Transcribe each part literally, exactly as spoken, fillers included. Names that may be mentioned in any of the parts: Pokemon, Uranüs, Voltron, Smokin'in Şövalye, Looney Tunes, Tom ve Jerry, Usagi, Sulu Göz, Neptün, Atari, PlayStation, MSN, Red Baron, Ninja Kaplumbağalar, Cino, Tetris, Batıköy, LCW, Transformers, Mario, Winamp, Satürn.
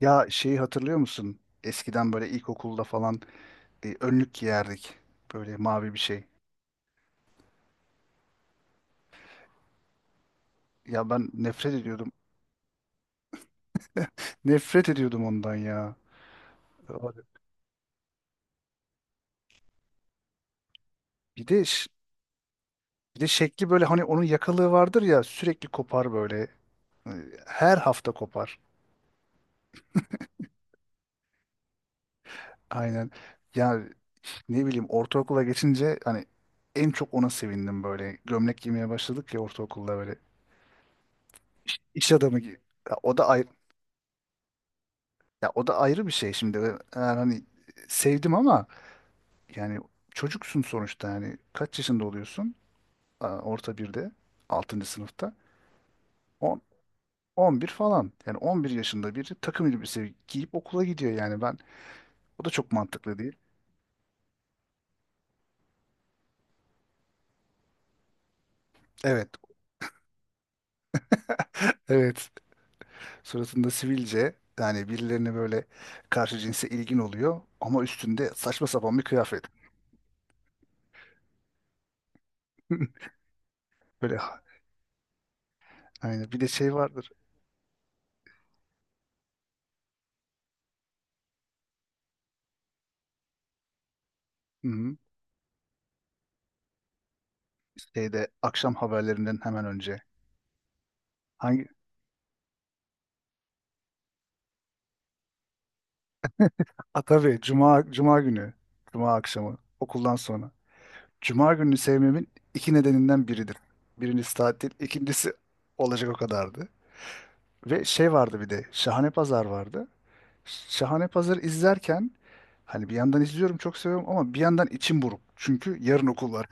Ya şeyi hatırlıyor musun? Eskiden böyle ilkokulda falan e, önlük giyerdik. Böyle mavi bir şey. Ya ben nefret ediyordum. Nefret ediyordum ondan ya. Abi. Bir de ş- Bir de şekli böyle, hani onun yakalığı vardır ya, sürekli kopar böyle. Her hafta kopar. Aynen. Ya, ne bileyim, ortaokula geçince hani en çok ona sevindim böyle. Gömlek giymeye başladık ya ortaokulda böyle. İş adamı gibi. Ya o da ayrı, ya o da ayrı bir şey şimdi. Ben yani hani sevdim ama yani çocuksun sonuçta, yani kaç yaşında oluyorsun? Aa, orta birde, altıncı sınıfta. on, on bir falan. Yani on bir yaşında biri takım elbise giyip okula gidiyor yani ben. O da çok mantıklı değil. Evet. Evet. Suratında sivilce, yani birilerine böyle, karşı cinse ilgin oluyor ama üstünde saçma sapan bir kıyafet. Böyle ha- aynı bir de şey vardır. Hı hı. Şeyde, akşam haberlerinden hemen önce. Hangi? Ha, tabii, cuma cuma günü. Cuma akşamı okuldan sonra. Cuma gününü sevmemin iki nedeninden biridir. Birincisi tatil, ikincisi olacak o kadardı. Ve şey vardı bir de, Şahane Pazar vardı. Şahane Pazar'ı izlerken, hani bir yandan izliyorum çok seviyorum ama bir yandan içim buruk. Çünkü yarın okul var.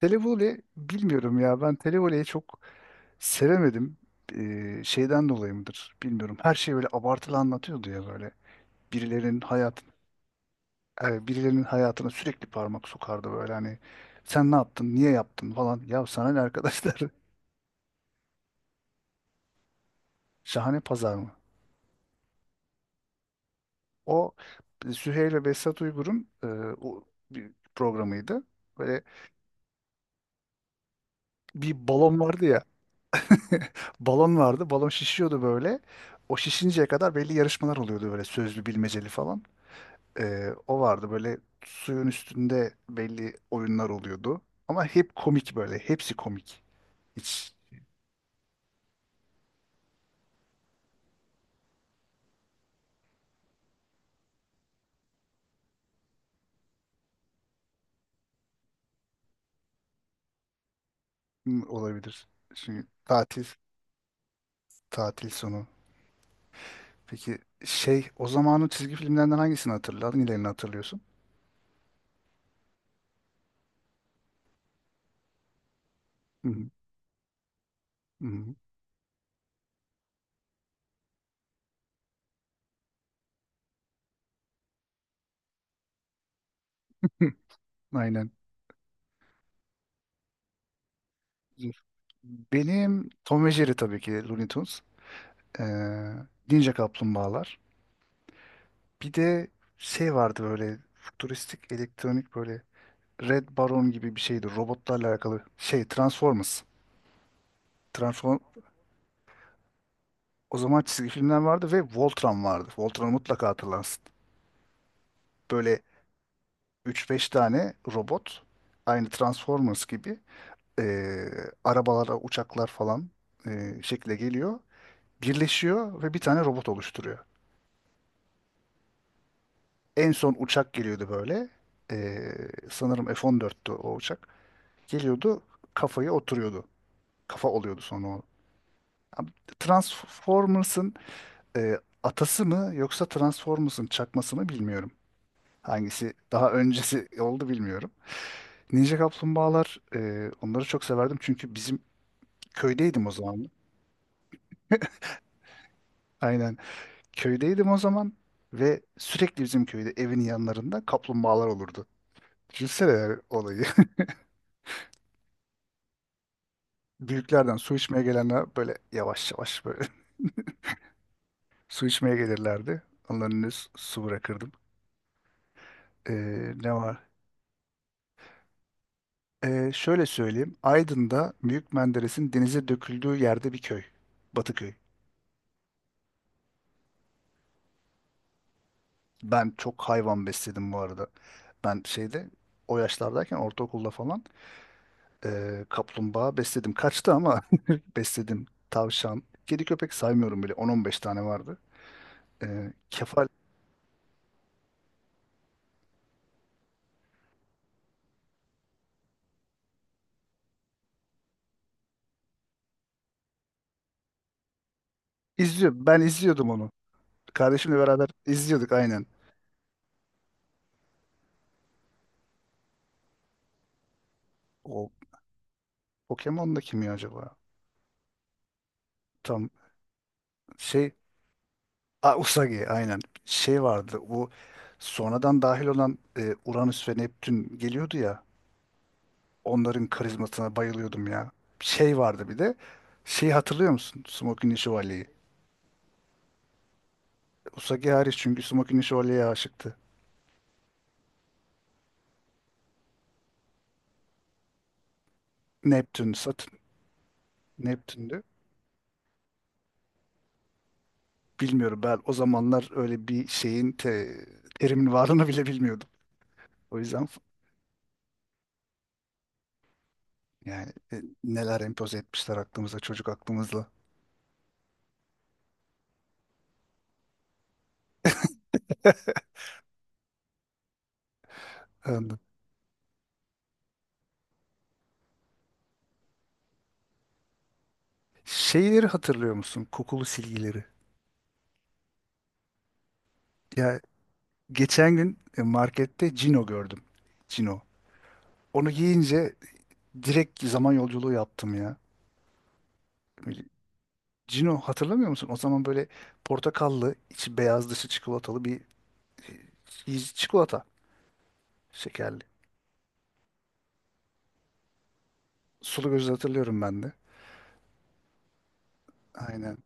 Televole bilmiyorum ya, ben Televole'yi çok sevemedim. Ee, şeyden dolayı mıdır bilmiyorum. Her şey böyle abartılı anlatıyordu ya böyle. Birilerinin hayatı, yani birilerinin hayatına sürekli parmak sokardı böyle, hani sen ne yaptın, niye yaptın falan. Ya sana ne arkadaşlar? Şahane Pazar mı? O, e, Süheyl ve Behzat Uygur'un e, o bir programıydı. Böyle bir balon vardı ya. Balon vardı. Balon şişiyordu böyle. O şişinceye kadar belli yarışmalar oluyordu böyle, sözlü, bilmeceli falan. Ee, o vardı böyle, suyun üstünde belli oyunlar oluyordu. Ama hep komik böyle. Hepsi komik. Hiç. Hmm, olabilir. Çünkü tatil. Tatil sonu. Peki şey, o zamanın çizgi filmlerinden hangisini hatırladın? Hangilerini hatırlıyorsun? Hı hı. Hı hı. Aynen. Benim Tom ve Jerry, tabii ki Looney Tunes. Ee, Ninja Kaplumbağalar. Bir de şey vardı böyle, futuristik, elektronik böyle, Red Baron gibi bir şeydi. Robotlarla alakalı şey, Transformers. Transform O zaman çizgi filmler vardı ve Voltron vardı. Voltron'u mutlaka hatırlarsın. Böyle üç beş tane robot, aynı Transformers gibi e, arabalara, uçaklar falan e, şekle geliyor. Birleşiyor ve bir tane robot oluşturuyor. En son uçak geliyordu böyle. E, Sanırım F on dörttü o uçak. Geliyordu, kafaya oturuyordu. Kafa oluyordu sonra o. Abi, Transformers'ın e, atası mı yoksa Transformers'ın çakması mı bilmiyorum. Hangisi daha öncesi oldu bilmiyorum. Ninja Kaplumbağalar, e, onları çok severdim çünkü bizim köydeydim o zaman. Aynen. Köydeydim o zaman ve sürekli bizim köyde evin yanlarında kaplumbağalar olurdu. Düşünsene yani olayı. Büyüklerden su içmeye gelenler böyle yavaş yavaş böyle su içmeye gelirlerdi. Onların önüne su su bırakırdım. Ee, ne var? Ee, şöyle söyleyeyim. Aydın'da Büyük Menderes'in denize döküldüğü yerde bir köy. Batıköy. Ben çok hayvan besledim bu arada. Ben şeyde, o yaşlardayken, ortaokulda falan Ee, kaplumbağa besledim. Kaçtı ama besledim. Tavşan. Kedi köpek saymıyorum bile. on on beş tane vardı. Ee, kefal. İzliyor. Ben izliyordum onu. Kardeşimle beraber izliyorduk, aynen. O Pokemon'da kim ya acaba? Tam şey. Aa, Usagi, aynen. Şey vardı. Bu sonradan dahil olan e, Uranüs ve Neptün geliyordu ya. Onların karizmasına bayılıyordum ya. Şey vardı bir de. Şeyi hatırlıyor musun? Smokin'in Şövalye'yi. Usagi hariç, çünkü Smokin'in Şövalye'ye aşıktı. Neptün, Satürn, Neptün'dü. Bilmiyorum, ben o zamanlar öyle bir şeyin te, terimin varlığını bile bilmiyordum. O yüzden f- yani e, neler empoze etmişler aklımıza, çocuk aklımızla. Anladım. Şeyleri hatırlıyor musun? Kokulu silgileri. Ya, geçen gün e, markette Cino gördüm. Cino. Onu giyince direkt zaman yolculuğu yaptım ya. Böyle, Cino hatırlamıyor musun? O zaman böyle portakallı, içi beyaz dışı çikolatalı bir e, çikolata şekerli. Sulu Göz'ü hatırlıyorum ben de. Aynen.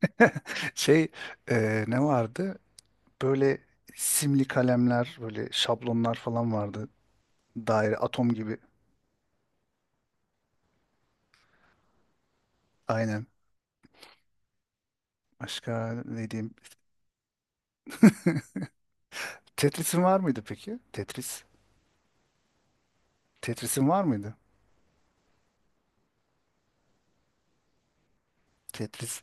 Şey, e, ne vardı? Böyle simli kalemler, böyle şablonlar falan vardı. Daire, atom gibi. Aynen. Başka ne diyeyim? Tetris'in var mıydı peki? Tetris. Tetris'in var mıydı? Tetris.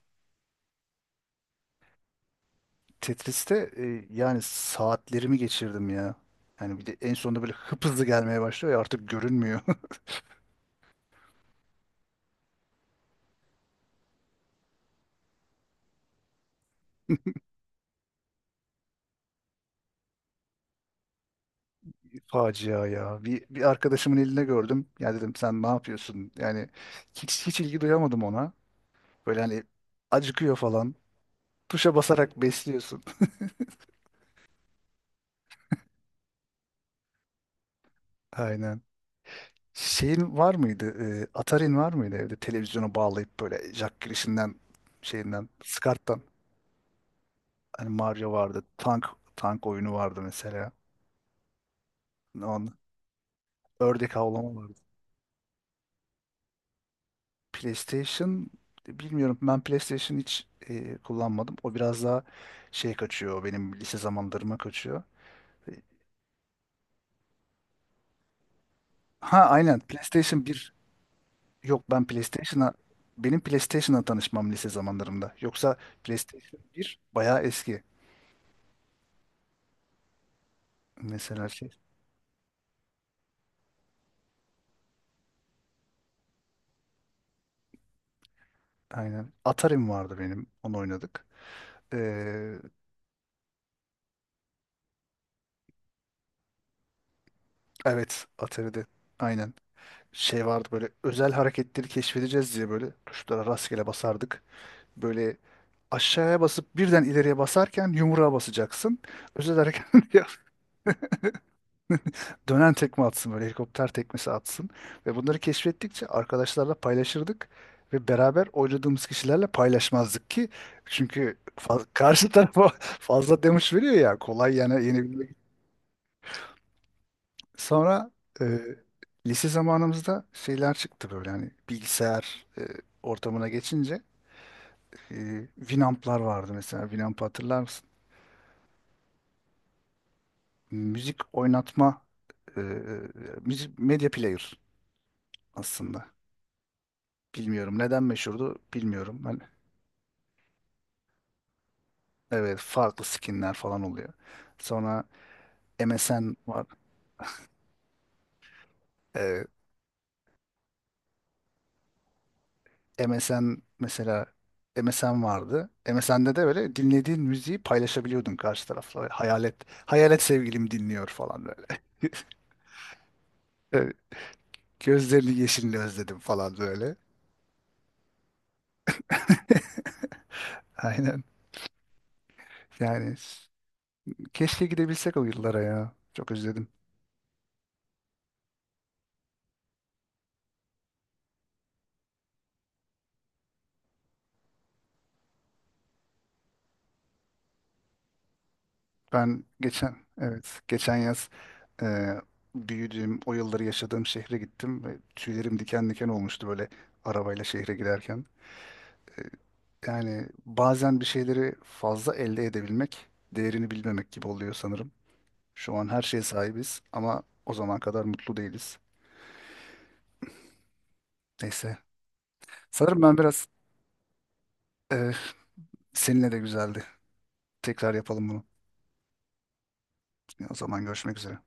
Tetris'te, e, yani saatlerimi geçirdim ya. Yani bir de en sonunda böyle hıp hızlı gelmeye başlıyor ya, artık görünmüyor. Facia ya. Bir, bir arkadaşımın elinde gördüm. Ya dedim, sen ne yapıyorsun? Yani hiç hiç ilgi duyamadım ona. Böyle hani acıkıyor falan. Tuşa basarak besliyorsun. Aynen. Şeyin var mıydı? E, Atari'nin var mıydı evde? Televizyonu bağlayıp böyle jack girişinden, şeyinden, Skart'tan. Hani Mario vardı. Tank tank oyunu vardı mesela. On, ördek avlama vardı. PlayStation bilmiyorum. Ben PlayStation hiç e, kullanmadım. O biraz daha şey kaçıyor. Benim lise zamanlarıma kaçıyor. Ha, aynen. PlayStation bir. Yok, ben PlayStation'a benim PlayStation'la tanışmam lise zamanlarımda. Yoksa PlayStation bir bayağı eski. Mesela şey, aynen. Atari'm vardı benim. Onu oynadık. Ee, evet, Atari'de aynen. Şey vardı böyle, özel hareketleri keşfedeceğiz diye böyle tuşlara rastgele basardık. Böyle aşağıya basıp birden ileriye basarken yumruğa basacaksın. Özel hareket yap. Dönen tekme atsın böyle, helikopter tekmesi atsın. Ve bunları keşfettikçe arkadaşlarla paylaşırdık. Ve beraber oynadığımız kişilerle paylaşmazdık ki. Çünkü fa- karşı tarafa fazla demiş veriyor ya, kolay yani yenebilmek. Sonra e, lise zamanımızda şeyler çıktı böyle, hani bilgisayar e, ortamına geçince e, Winamp'lar vardı mesela. Winamp'ı hatırlar mısın? Müzik oynatma, e, e, müzik medya player aslında. Bilmiyorum. Neden meşhurdu? Bilmiyorum. Hani, evet, farklı skinler falan oluyor. Sonra M S N var. Evet, MSN mesela, MSN vardı. M S N'de de böyle dinlediğin müziği paylaşabiliyordun karşı tarafla. Böyle hayalet, hayalet sevgilim dinliyor falan böyle. Evet, gözlerini yeşilini özledim falan böyle. Aynen. Yani keşke gidebilsek o yıllara ya. Çok özledim. Ben geçen, evet, geçen yaz e, büyüdüğüm, o yılları yaşadığım şehre gittim ve tüylerim diken diken olmuştu böyle, arabayla şehre giderken. Yani bazen bir şeyleri fazla elde edebilmek, değerini bilmemek gibi oluyor sanırım. Şu an her şeye sahibiz ama o zaman kadar mutlu değiliz. Neyse. Sanırım ben biraz, e, seninle de güzeldi. Tekrar yapalım bunu. O zaman görüşmek üzere.